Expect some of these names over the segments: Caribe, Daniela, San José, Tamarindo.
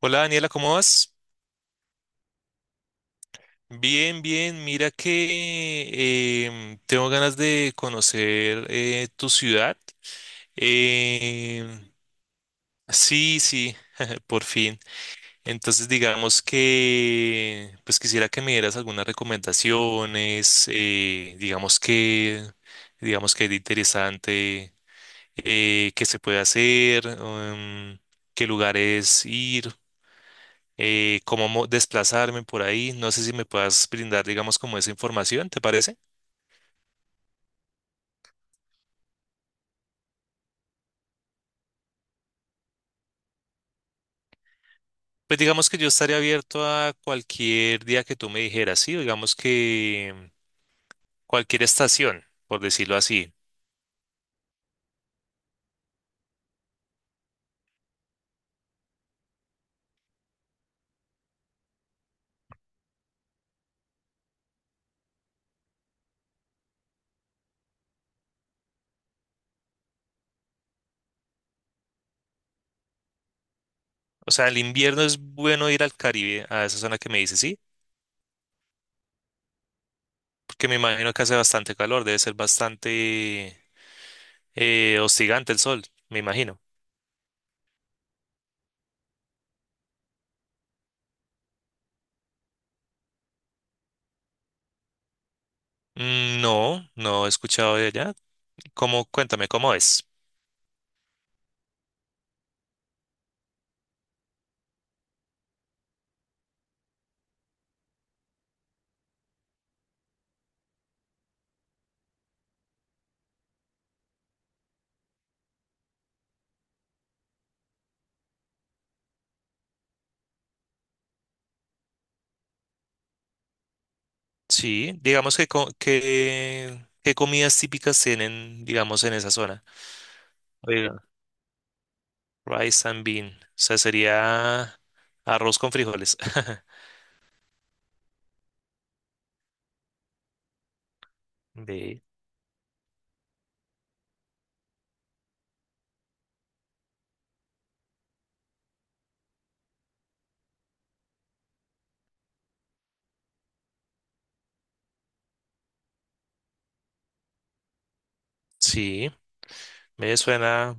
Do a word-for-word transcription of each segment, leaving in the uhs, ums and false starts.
Hola, Daniela, ¿cómo vas? Bien, bien. Mira que em, tengo ganas de conocer eh, tu ciudad. Em, sí, sí, por fin. Entonces digamos que pues quisiera que me dieras algunas recomendaciones, eh, digamos que digamos que es interesante, eh, que se puede hacer, em, qué lugares ir, eh, cómo mo- desplazarme por ahí. No sé si me puedas brindar, digamos, como esa información, ¿te parece? Pues digamos que yo estaría abierto a cualquier día que tú me dijeras, sí, digamos que mm, cualquier estación, por decirlo así. O sea, el invierno es bueno ir al Caribe, a esa zona que me dices, sí, porque me imagino que hace bastante calor, debe ser bastante eh, hostigante el sol, me imagino. Mm, no, no he escuchado de allá. ¿Cómo? Cuéntame, ¿cómo es? Sí, digamos que, co- que, ¿qué comidas típicas tienen, digamos, en esa zona? Oiga, rice and bean, o sea, sería arroz con frijoles. Ve, sí, me suena,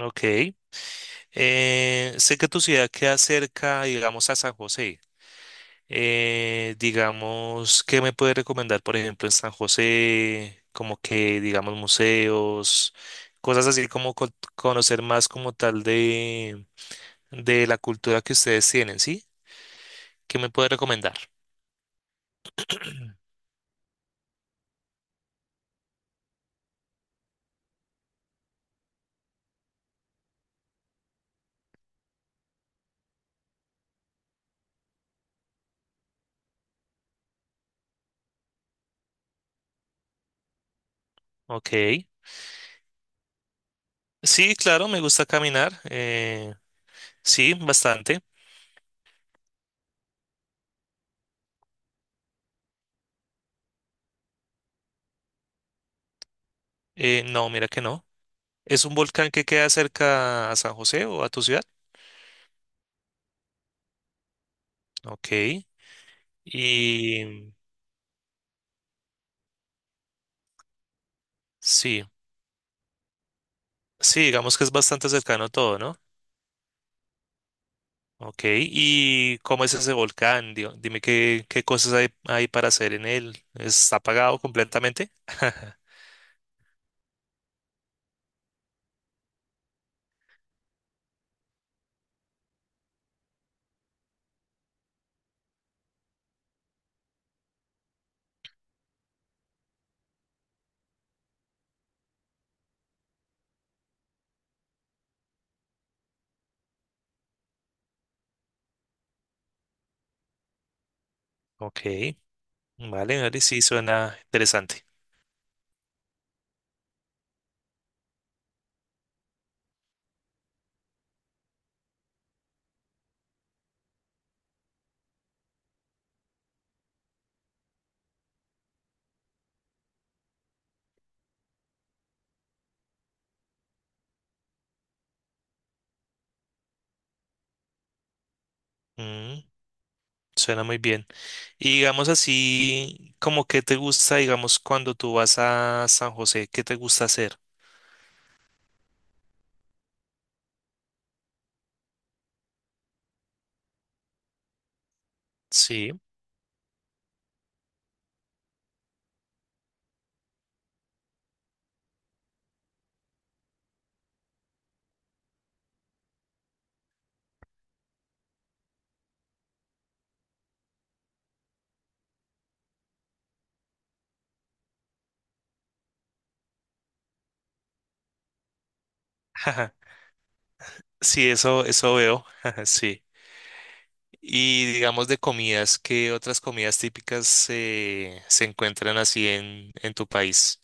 ok. Eh, sé que tu ciudad queda cerca, digamos, a San José. Eh, digamos, ¿qué me puedes recomendar, por ejemplo, en San José? Como que, digamos, museos, cosas así como co- conocer más como tal de la cultura que ustedes tienen, ¿sí? ¿Qué me puede recomendar? Ok. Sí, claro, me gusta caminar. Eh, sí, bastante. Eh, no, mira que no. ¿Es un volcán que queda cerca a San José o a tu ciudad? Ok. Y sí, sí, digamos que es bastante cercano todo, ¿no? Ok. ¿Y cómo es ese volcán? Dio- Dime qué, qué cosas hay, hay para hacer en él. ¿Está apagado completamente? Ok. Vale, vale, sí, suena interesante. Mm. Suena muy bien. Y digamos así, como que te gusta, digamos, cuando tú vas a San José, ¿qué te gusta hacer? Sí, jaja, sí, eso, eso veo, sí. Y digamos de comidas, ¿qué otras comidas típicas se se encuentran así en, en tu país?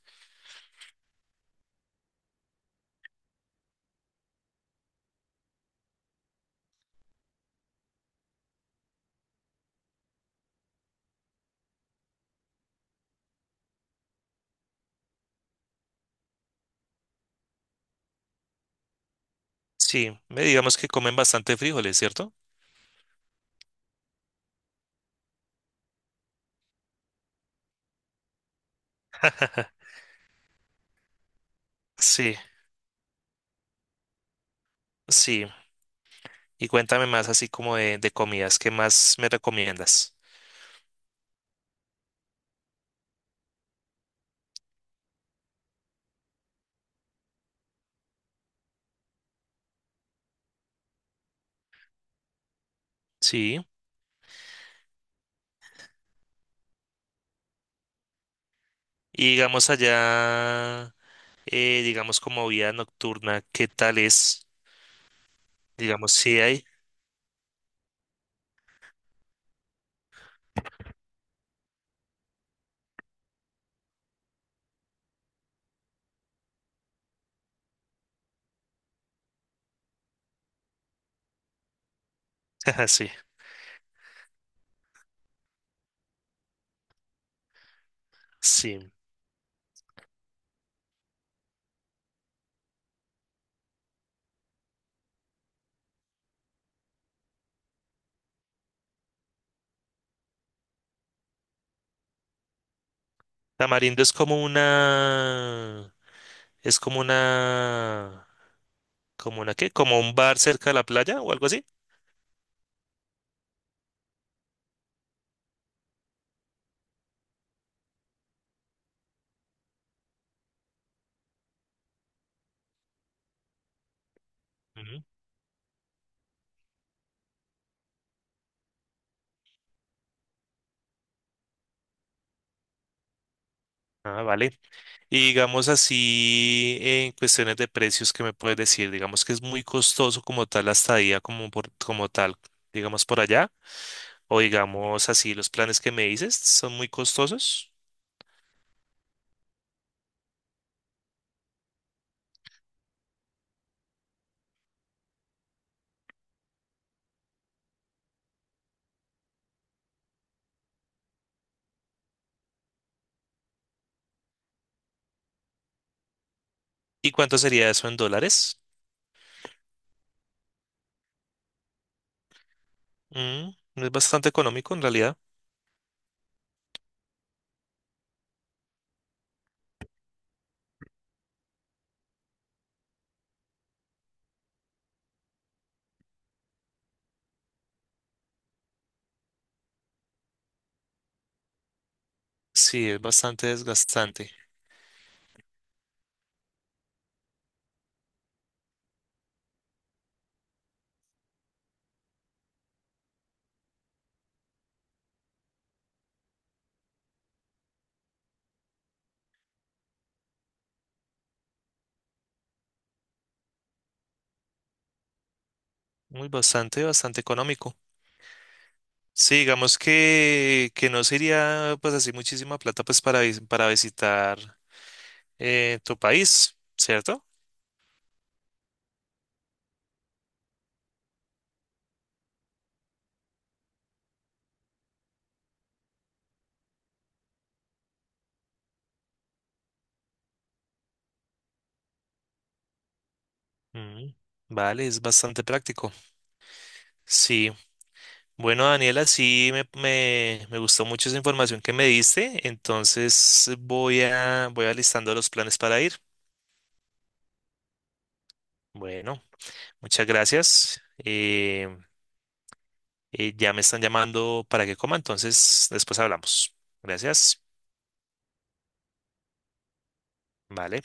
Sí, me digamos que comen bastante frijoles, ¿cierto? Sí, sí. Y cuéntame más así como de, de comidas, ¿qué más me recomiendas? Sí. Y digamos allá, eh, digamos como vida nocturna, ¿qué tal es? Digamos, sí hay. Ajá, sí, sí. Tamarindo es como una, es como una, como una qué, como un bar cerca de la playa o algo así. Ujú. Ah, vale, y digamos así, en cuestiones de precios, ¿qué me puedes decir? Digamos que es muy costoso como tal la estadía, como, por, como tal, digamos por allá, o digamos así, los planes que me dices son muy costosos. ¿Y cuánto sería eso en dólares? Mm, es bastante económico en realidad. Sí, es bastante desgastante. Muy bastante, bastante económico. Sí, digamos que, que no sería pues así muchísima plata pues para, vis- para visitar eh, tu país, ¿cierto? Mm, vale, es bastante práctico. Sí. Bueno, Daniela, sí me, me, me gustó mucho esa información que me diste, entonces voy a voy alistando los planes para ir. Bueno, muchas gracias. Eh, eh, ya me están llamando para que coma, entonces después hablamos. Gracias. Vale.